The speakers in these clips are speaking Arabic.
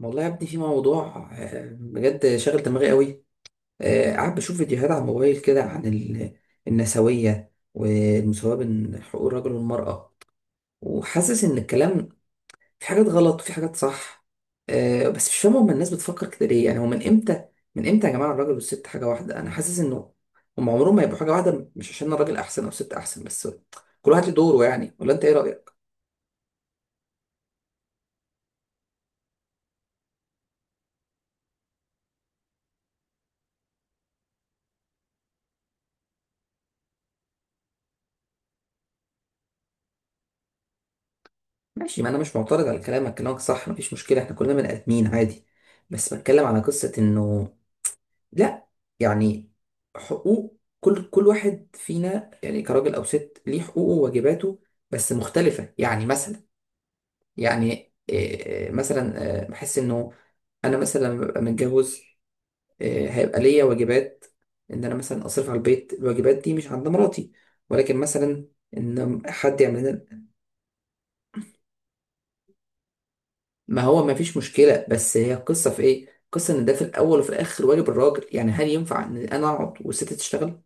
والله يا ابني في موضوع بجد شاغل دماغي قوي. قاعد بشوف فيديوهات على الموبايل كده عن النسوية والمساواة بين حقوق الرجل والمرأة، وحاسس ان الكلام في حاجات غلط وفي حاجات صح. بس مش فاهم هما الناس بتفكر كده ليه، يعني هو من امتى، من امتى يا جماعة الراجل والست حاجة واحدة؟ انا حاسس انه هما عمرهم ما يبقوا حاجة واحدة، مش عشان الراجل احسن او الست احسن، بس كل واحد له دوره يعني. ولا انت ايه رأيك؟ ماشي، ما انا مش معترض على كلامك، كلامك صح مفيش مشكله، احنا كلنا بني ادمين عادي. بس بتكلم على قصه انه، لا، يعني، حقوق كل واحد فينا يعني كراجل او ست ليه حقوقه وواجباته، بس مختلفه يعني مثلا. يعني إيه، إيه، مثلا بحس انه انا مثلا لما ببقى متجوز هيبقى ليا واجبات، ان انا مثلا اصرف على البيت، الواجبات دي مش عند مراتي، ولكن مثلا ان حد يعمل لنا. ما هو ما فيش مشكلة، بس هي القصة في ايه؟ القصة ان ده في الاول وفي الاخر واجب الراجل، يعني هل ينفع ان انا اقعد والست تشتغل؟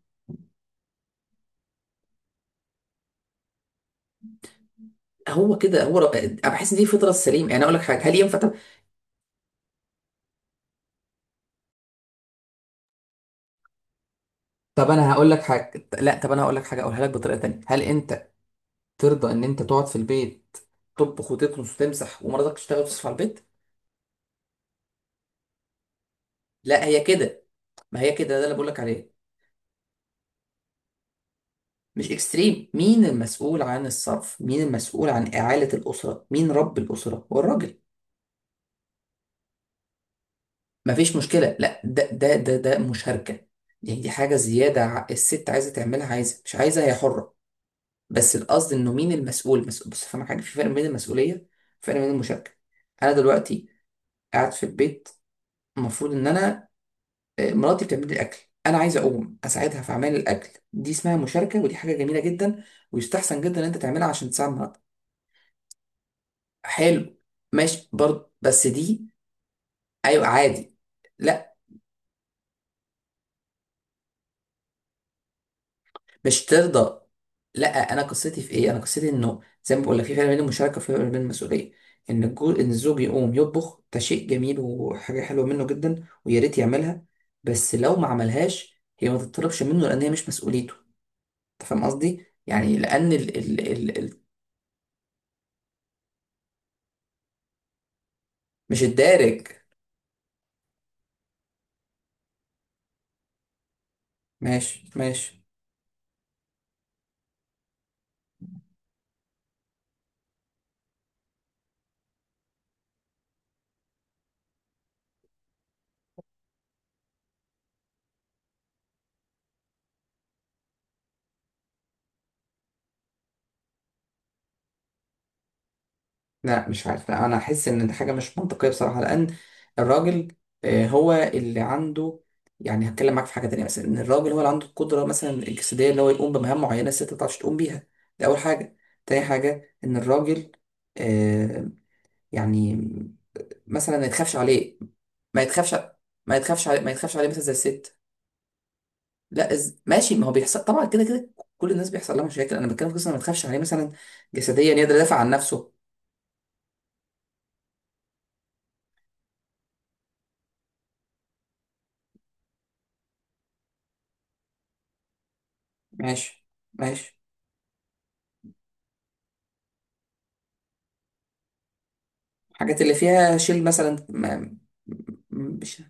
هو كده، هو انا بحس ان دي فطرة السليم، يعني اقول لك حاجة، هل ينفع؟ طب، طب انا هقول لك حاجة، لا طب انا هقول لك حاجة اقولها لك بطريقة تانية، هل انت ترضى ان انت تقعد في البيت تطبخ وتكنس وتمسح ومراتك تشتغل وتصرف على البيت؟ لا هي كده، ما هي كده ده اللي بقول لك عليه، مش اكستريم. مين المسؤول عن الصرف؟ مين المسؤول عن إعالة الأسرة؟ مين رب الأسرة؟ هو الراجل. مفيش مشكلة، لا ده مشاركة يعني، دي حاجة زيادة، الست عايزة تعملها، عايزة مش عايزة هي حرة. بس القصد انه مين المسؤول، مسؤول بس، فاهم حاجة، في فرق بين المسؤولية وفرق بين المشاركة. انا دلوقتي قاعد في البيت، المفروض ان انا مراتي بتعمل لي الاكل، انا عايز اقوم اساعدها في اعمال الاكل، دي اسمها مشاركة ودي حاجة جميلة جدا، ويستحسن جدا ان انت تعملها عشان تساعد مراتك. حلو. ماشي برضه بس دي. ايوه عادي. لا مش ترضى. لا. انا قصتي في ايه، انا قصتي انه زي ما بقول لك في فرق بين المشاركه وفي فرق بين المسؤوليه، ان ان الزوج يقوم يطبخ ده شيء جميل وحاجه حلوه منه جدا ويا ريت يعملها، بس لو ما عملهاش هي ما تطلبش منه، لان هي مش مسؤوليته. انت فاهم قصدي يعني لان مش الدارج. ماشي ماشي. لا مش عارف، لا انا احس ان دي حاجه مش منطقيه بصراحه، لان الراجل هو اللي عنده، يعني هتكلم معاك في حاجه تانية، مثلا ان الراجل هو اللي عنده القدره مثلا الجسديه ان هو يقوم بمهام معينه الست ما بتعرفش تقوم بيها. دي اول حاجه. تاني حاجه ان الراجل آه، يعني مثلا ما يتخافش عليه، ما يتخافش ما يتخافش عليه مثلا زي الست. لا ماشي، ما هو بيحصل طبعا كده كده، كل الناس بيحصل لها مشاكل، انا بتكلم في قصه إن ما تخافش عليه مثلا جسديا يقدر يدافع عن نفسه. ماشي ماشي. الحاجات اللي فيها شيل مثلا ما، مش.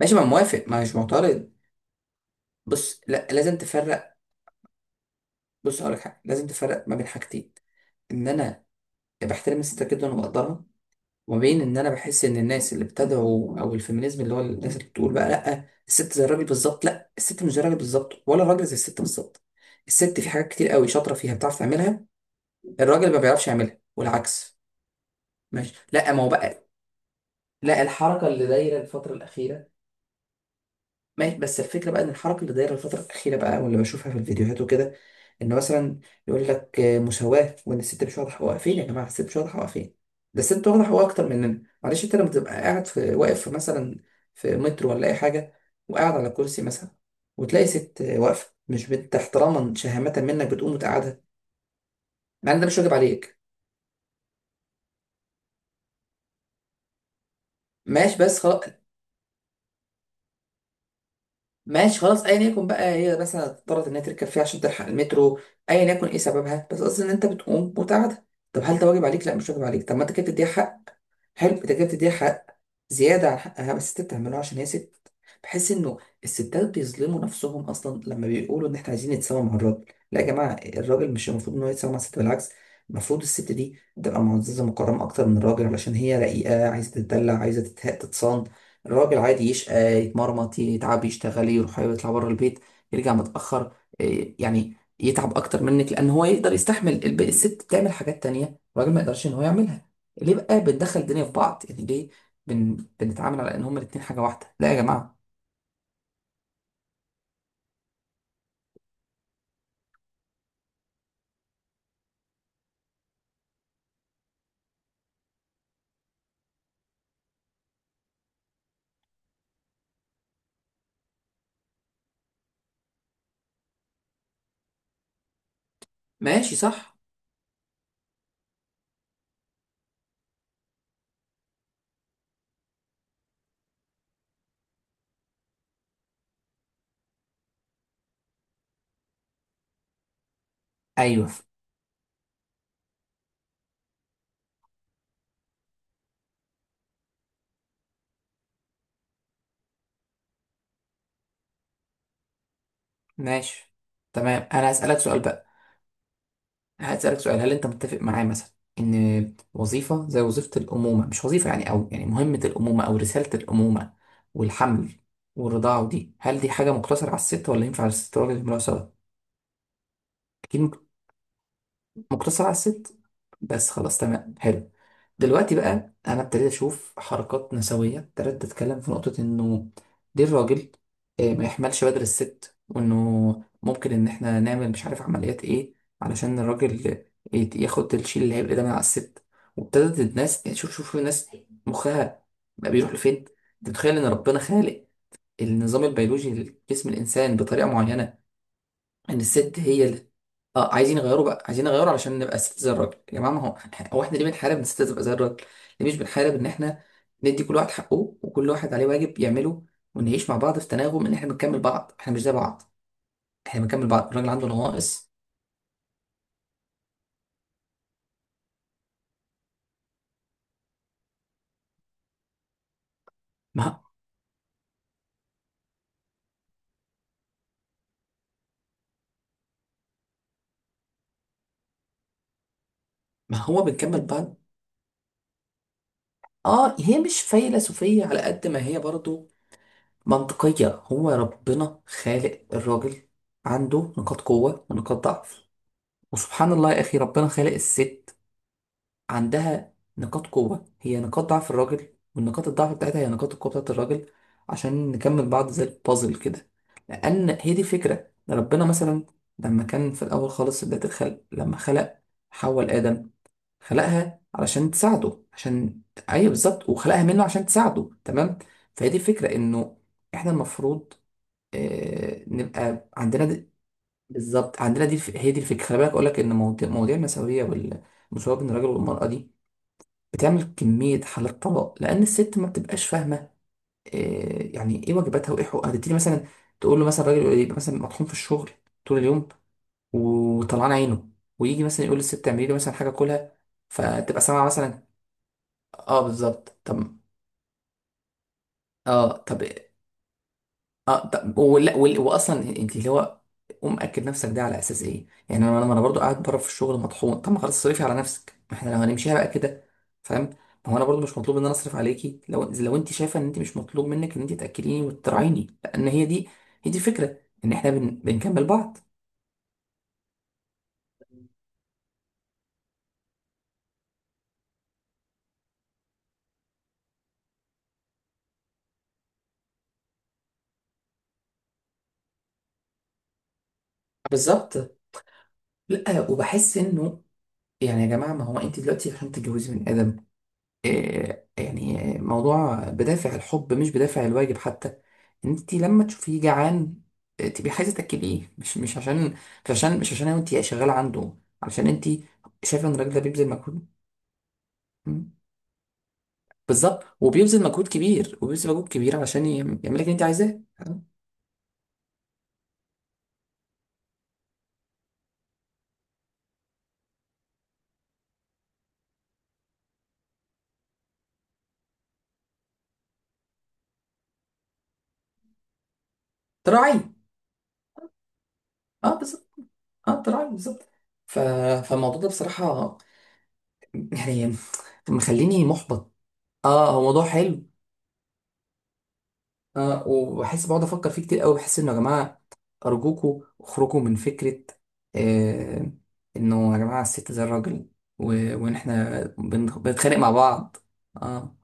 ماشي، ما موافق، ما مش معترض. بص، لا لازم تفرق. بص هقولك حاجه لازم تفرق ما بين حاجتين، ان انا بحترم الست جدا وبقدرها، وما بين ان انا بحس ان الناس اللي بتدعو او الفيمينيزم اللي هو الناس اللي بتقول بقى لا الست زي الراجل بالظبط، لا الست مش زي الراجل بالظبط، ولا الراجل زي الست بالظبط. الست في حاجات كتير قوي شاطره فيها بتعرف تعملها، الراجل ما بيعرفش يعملها والعكس. ماشي. لا ما هو بقى، لا الحركه اللي دايره الفتره الاخيره، ماشي بس الفكرة بقى إن الحركة اللي دايرة الفترة الأخيرة بقى واللي بشوفها في الفيديوهات وكده، إن مثلا يقول لك مساواة، وإن الست مش واخدة حقوقها فين؟ يا جماعة الست مش واخدة حقوقها فين؟ ده الست واخدة حقوقها أكتر مننا، معلش. أنت لما تبقى قاعد في، واقف في مثلا في مترو ولا أي حاجة وقاعد على كرسي مثلا، وتلاقي ست واقفة مش بنت، احتراما شهامة منك بتقوم وتقعدها، مع إن ده مش واجب عليك. ماشي بس خلاص، ماشي خلاص ايا يكن بقى، هي مثلا اضطرت انها تركب فيها عشان تلحق المترو، ايا يكن ايه سببها، بس قصدي ان انت بتقوم وتقعدها. طب هل ده واجب عليك؟ لا مش واجب عليك، طب ما انت كده بتديها حق. حلو، انت كده بتديها حق زياده عن حقها، بس انت بتعمله عشان هي ست. بحس انه الستات بيظلموا نفسهم اصلا لما بيقولوا ان احنا عايزين نتساوى مع الراجل. لا يا جماعه، الراجل مش المفروض ان هو يتساوى مع الست، بالعكس المفروض الست دي تبقى معززه مكرمه اكتر من الراجل، علشان هي رقيقه عايزه تتدلع عايزه تتصان. الراجل عادي يشقى يتمرمط يتعب يشتغل يروح يطلع بره البيت يرجع متأخر يعني يتعب أكتر منك، لأن هو يقدر يستحمل، الست بتعمل حاجات تانية الراجل ما يقدرش إن هو يعملها. ليه بقى بندخل الدنيا في بعض؟ يعني ليه بنتعامل على إن هما الاتنين حاجة واحدة؟ لا يا جماعة. ماشي صح. أيوه. ماشي تمام. أنا هسألك سؤال بقى، هسألك سؤال، هل أنت متفق معايا مثلا إن وظيفة زي وظيفة الأمومة، مش وظيفة يعني، أو يعني مهمة الأمومة أو رسالة الأمومة والحمل والرضاعة ودي، هل دي حاجة مقتصرة على الست ولا ينفع الست والراجل يعملوها سوا؟ أكيد مقتصر على الست بس. خلاص تمام حلو. دلوقتي بقى انا ابتديت اشوف حركات نسويه، ابتديت اتكلم في نقطه انه دي الراجل ما يحملش بدل الست، وانه ممكن ان احنا نعمل مش عارف عمليات ايه علشان الراجل ياخد الشيل اللي هيبقى ده من على الست. وابتدت الناس يعني، شوف شوف الناس مخها بقى بيروح لفين. انت متخيل ان ربنا خالق النظام البيولوجي لجسم الانسان بطريقه معينه ان الست هي، اه عايزين يغيروا بقى، عايزين يغيروا علشان نبقى ست زي الراجل. يا جماعه ما هو، هو احنا ليه بنحارب ان الست تبقى زي الراجل؟ ليه مش بنحارب ان احنا ندي كل واحد حقه وكل واحد عليه واجب يعمله، ونعيش مع بعض في تناغم، ان احنا بنكمل بعض، احنا مش زي بعض، احنا بنكمل بعض، الراجل عنده نواقص. ما ما هو بنكمل بعض. اه هي مش فيلسوفيه على قد ما هي برضو منطقيه، هو ربنا خالق الراجل عنده نقاط قوه ونقاط ضعف، وسبحان الله يا اخي ربنا خالق الست عندها نقاط قوة هي نقاط ضعف الراجل، والنقاط الضعف بتاعتها هي نقاط القوة بتاعت الراجل، عشان نكمل بعض زي البازل كده. لأن هي دي الفكرة، ربنا مثلا لما كان في الأول خالص بداية الخلق لما خلق حواء آدم، خلقها علشان تساعده عشان، أيوه بالظبط، وخلقها منه عشان تساعده تمام. فهي دي الفكرة إنه إحنا المفروض نبقى عندنا دي. بالظبط، عندنا دي هي دي الفكرة. خلي بالك أقول لك إن مواضيع المساوية المساواة بين الراجل والمرأة دي بتعمل كمية حالات طلاق، لأن الست ما بتبقاش فاهمة إيه يعني، إيه واجباتها وإيه حقوقها، تبتدي مثلا تقول له مثلا، الراجل يبقى مثلا مطحون في الشغل طول اليوم وطلعان عينه، ويجي مثلا يقول للست اعملي لي مثلا حاجة كلها، فتبقى سامعة مثلا. آه بالظبط طب. آه طب. اه طب، ولا واصلا انت اللي هو ومأكد نفسك، ده على اساس ايه؟ يعني انا انا أنا برضو قاعد بره في الشغل مطحون، طب ما خلاص صرفي على نفسك، ما احنا لو هنمشيها بقى كده، فاهم؟ ما هو انا برضو مش مطلوب ان انا اصرف عليكي، لو انت شايفه ان انت مش مطلوب منك ان انت تاكليني وتراعيني، لان هي دي، هي دي الفكره ان احنا بنكمل بعض. بالظبط. لا وبحس انه، يعني يا جماعه ما هو انت دلوقتي عشان تتجوزي من ادم يعني موضوع بدافع الحب مش بدافع الواجب حتى. انت لما تشوفيه جعان تبقي عايزه تاكليه، مش عشان انت شغاله عنده، عشان انت شايفه ان الراجل ده بيبذل مجهود. مم. بالظبط وبيبذل مجهود كبير، وبيبذل مجهود كبير عشان يعمل لك اللي انت عايزاه. تراعي. اه بالظبط، اه تراعي بالظبط. ف... فالموضوع ده بصراحه يعني مخليني محبط. اه هو موضوع حلو، اه وبحس بقعد افكر فيه كتير قوي، بحس انه يا جماعه ارجوكوا اخرجوا من فكره آه انه يا جماعه الست زي الراجل و- وان احنا بنتخانق مع بعض. اه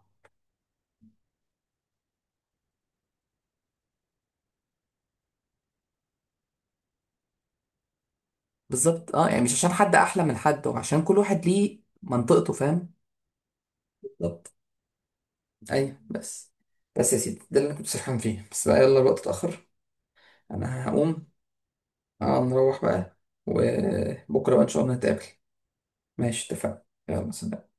بالظبط. اه يعني مش عشان حد احلى من حد، وعشان كل واحد ليه منطقته، فاهم؟ بالظبط. ايوه. بس يا سيدي ده اللي انا كنت سرحان فيه، بس بقى يلا الوقت اتاخر. انا هقوم. اه نروح بقى، وبكره بقى ان شاء الله نتقابل. ماشي اتفقنا، يلا سلام.